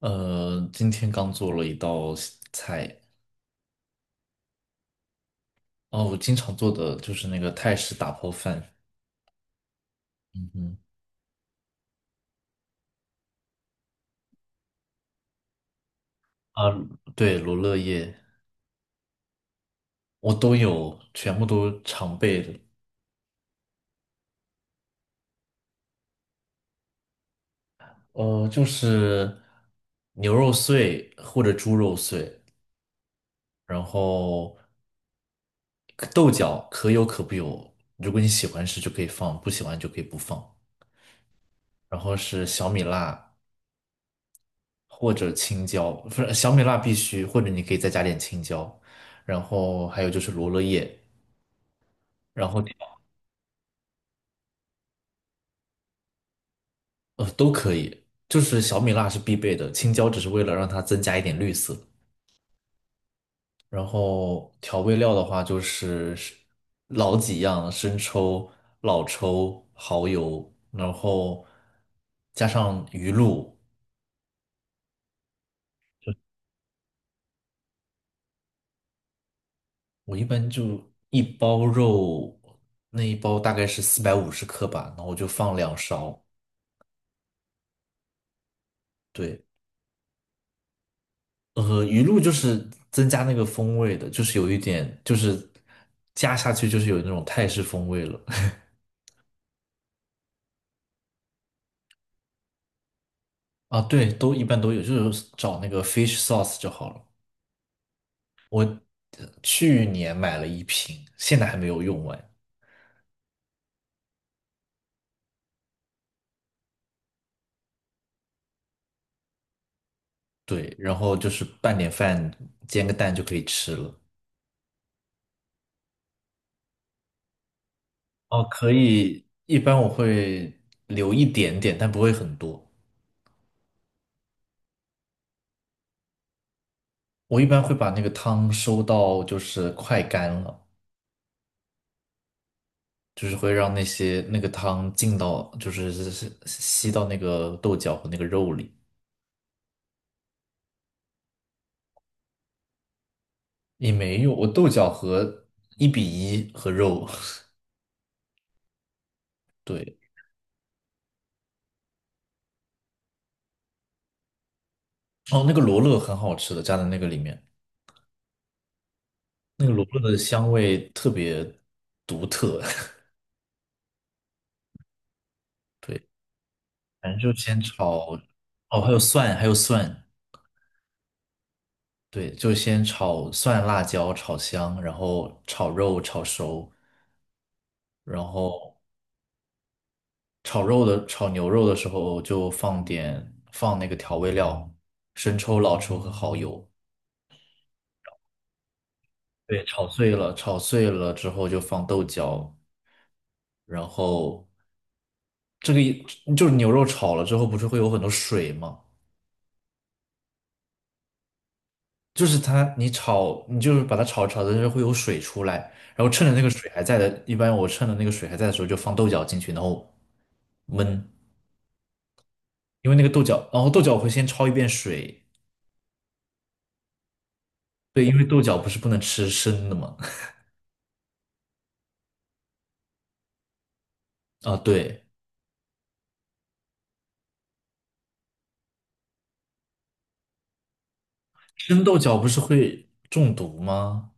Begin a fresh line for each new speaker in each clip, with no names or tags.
今天刚做了一道西菜。哦，我经常做的就是那个泰式打抛饭。嗯哼。啊，对，罗勒叶。我都有，全部都常备的。就是牛肉碎或者猪肉碎，然后豆角可有可不有，如果你喜欢吃就可以放，不喜欢就可以不放。然后是小米辣，或者青椒，不是小米辣必须，或者你可以再加点青椒。然后还有就是罗勒叶。然后就是小米辣是必备的，青椒只是为了让它增加一点绿色。然后调味料的话就是老几样，生抽、老抽、蚝油，然后加上鱼露。我一般就一包肉，那一包大概是450克吧，然后我就放2勺。对。鱼露就是增加那个风味的，就是有一点，就是加下去就是有那种泰式风味了。啊，对，都一般都有，就是找那个 fish sauce 就好了。我去年买了一瓶，现在还没有用完。对，然后就是拌点饭，煎个蛋就可以吃了。哦，可以，一般我会留一点点，但不会很多。我一般会把那个汤收到就是快干了。就是会让那些那个汤进到，就是吸到那个豆角和那个肉里。也没有，我豆角和1:1和肉。对。哦，那个罗勒很好吃的，加在那个里面，那个罗勒的香味特别独特。对，反正就先炒。哦，还有蒜，还有蒜。对，就先炒蒜、辣椒炒香，然后炒肉炒熟，然后炒牛肉的时候就放那个调味料，生抽、老抽和蚝油。对，炒碎了，炒碎了之后就放豆角，然后这个一就是牛肉炒了之后不是会有很多水吗？就是它你炒你就是把它炒炒的时候会有水出来，然后趁着那个水还在的，一般我趁着那个水还在的时候就放豆角进去，然后焖。因为那个豆角，然后豆角我会先焯一遍水。对，因为豆角不是不能吃生的嘛。啊，对，生豆角不是会中毒吗？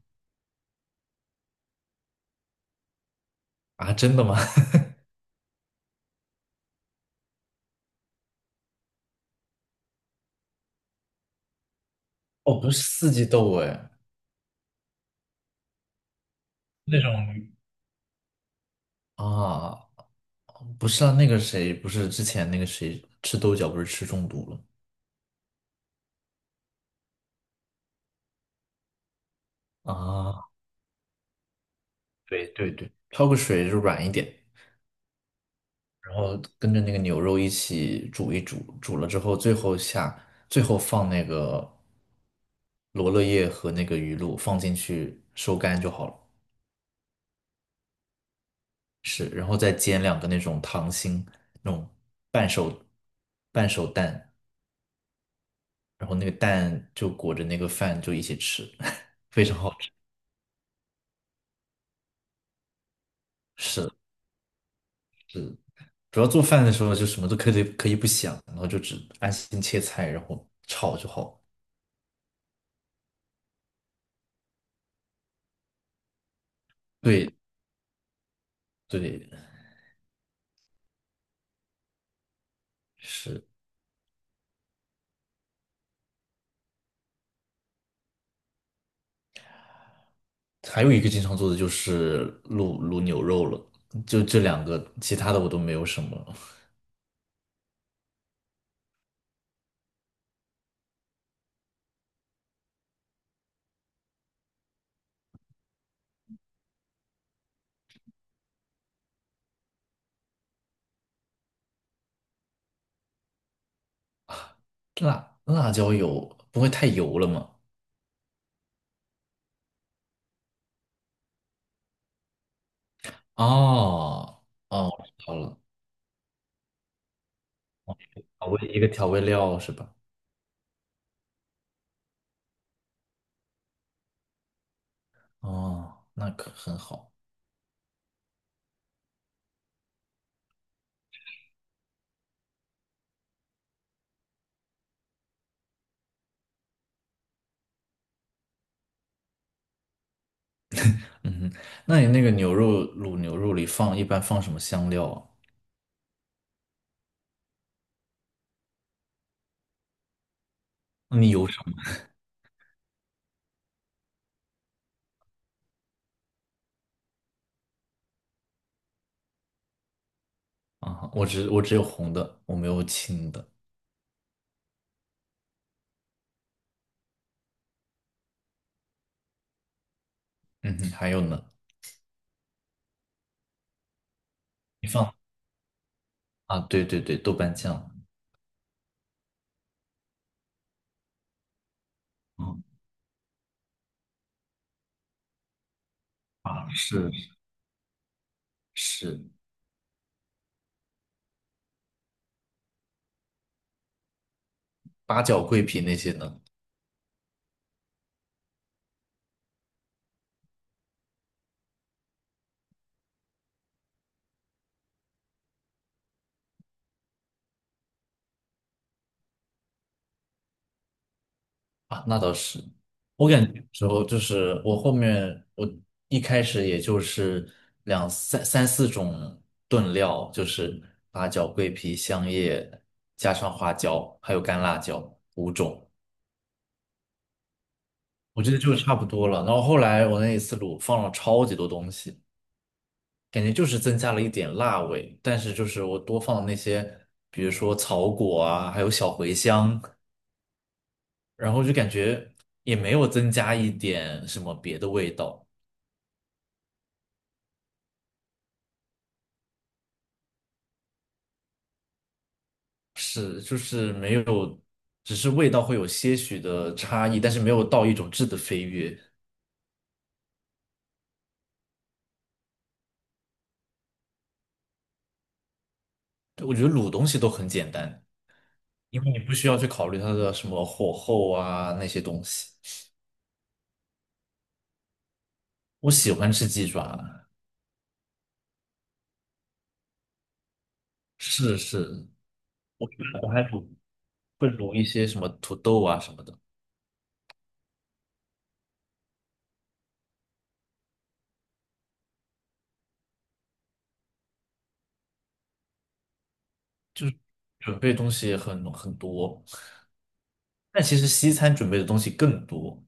啊，真的吗？哦，不是四季豆哎。那种啊，不是啊，那个谁，不是之前那个谁吃豆角不是吃中毒了啊？对对对，焯个水就软一点，然后跟着那个牛肉一起煮一煮，煮了之后最后下，最后放那个罗勒叶和那个鱼露放进去收干就好了。是，然后再煎两个那种糖心，那种半熟半熟蛋，然后那个蛋就裹着那个饭就一起吃，非常好吃。是是，主要做饭的时候就什么都可以不想，然后就只安心切菜，然后炒就好。对对。是。还有一个经常做的就是卤牛肉了，就这两个，其他的我都没有什么。辣椒油不会太油了吗？哦哦，我知道了。一个调味料是吧？哦，那可很好。嗯哼，那你那个牛肉卤牛肉里一般放什么香料啊？你有什么啊？我只有红的，我没有青的。嗯哼，还有呢？你放啊？对对对，豆瓣酱。嗯啊，是是，八角、桂皮那些呢？啊，那倒是，我感觉有时候就是我后面我一开始也就是两三三四种炖料，就是八角、桂皮、香叶，加上花椒，还有干辣椒五种，我觉得就差不多了。然后后来我那一次卤放了超级多东西，感觉就是增加了一点辣味，但是就是我多放了那些，比如说草果啊，还有小茴香，然后就感觉也没有增加一点什么别的味道。是，就是没有，只是味道会有些许的差异，但是没有到一种质的飞跃。对我觉得卤东西都很简单，因为你不需要去考虑它的什么火候啊那些东西。我喜欢吃鸡爪，是是，我觉得我还会卤一些什么土豆啊什么的，准备东西很多，但其实西餐准备的东西更多。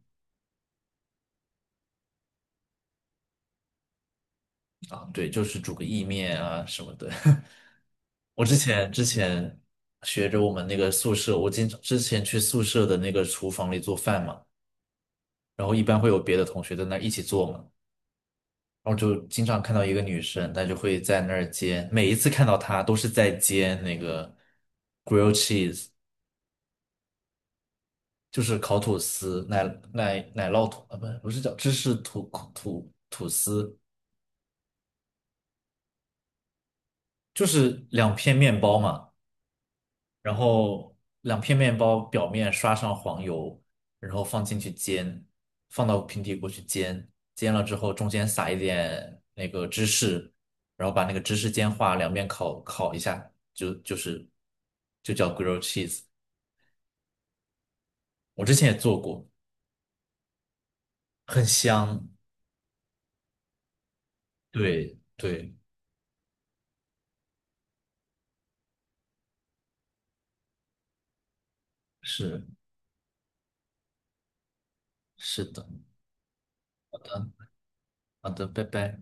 啊，对，就是煮个意面啊什么的。我之前学着我们那个宿舍，我经常之前去宿舍的那个厨房里做饭嘛，然后一般会有别的同学在那儿一起做嘛，然后就经常看到一个女生，她就会在那儿煎，每一次看到她都是在煎那个 grilled cheese。就是烤吐司、奶酪吐啊，不是叫芝士吐司，就是两片面包嘛。然后两片面包表面刷上黄油，然后放进去煎，放到平底锅去煎，煎了之后中间撒一点那个芝士，然后把那个芝士煎化，两边烤烤一下，就叫 grilled cheese。我之前也做过，很香。对对，是是的，嗯，好的，拜拜。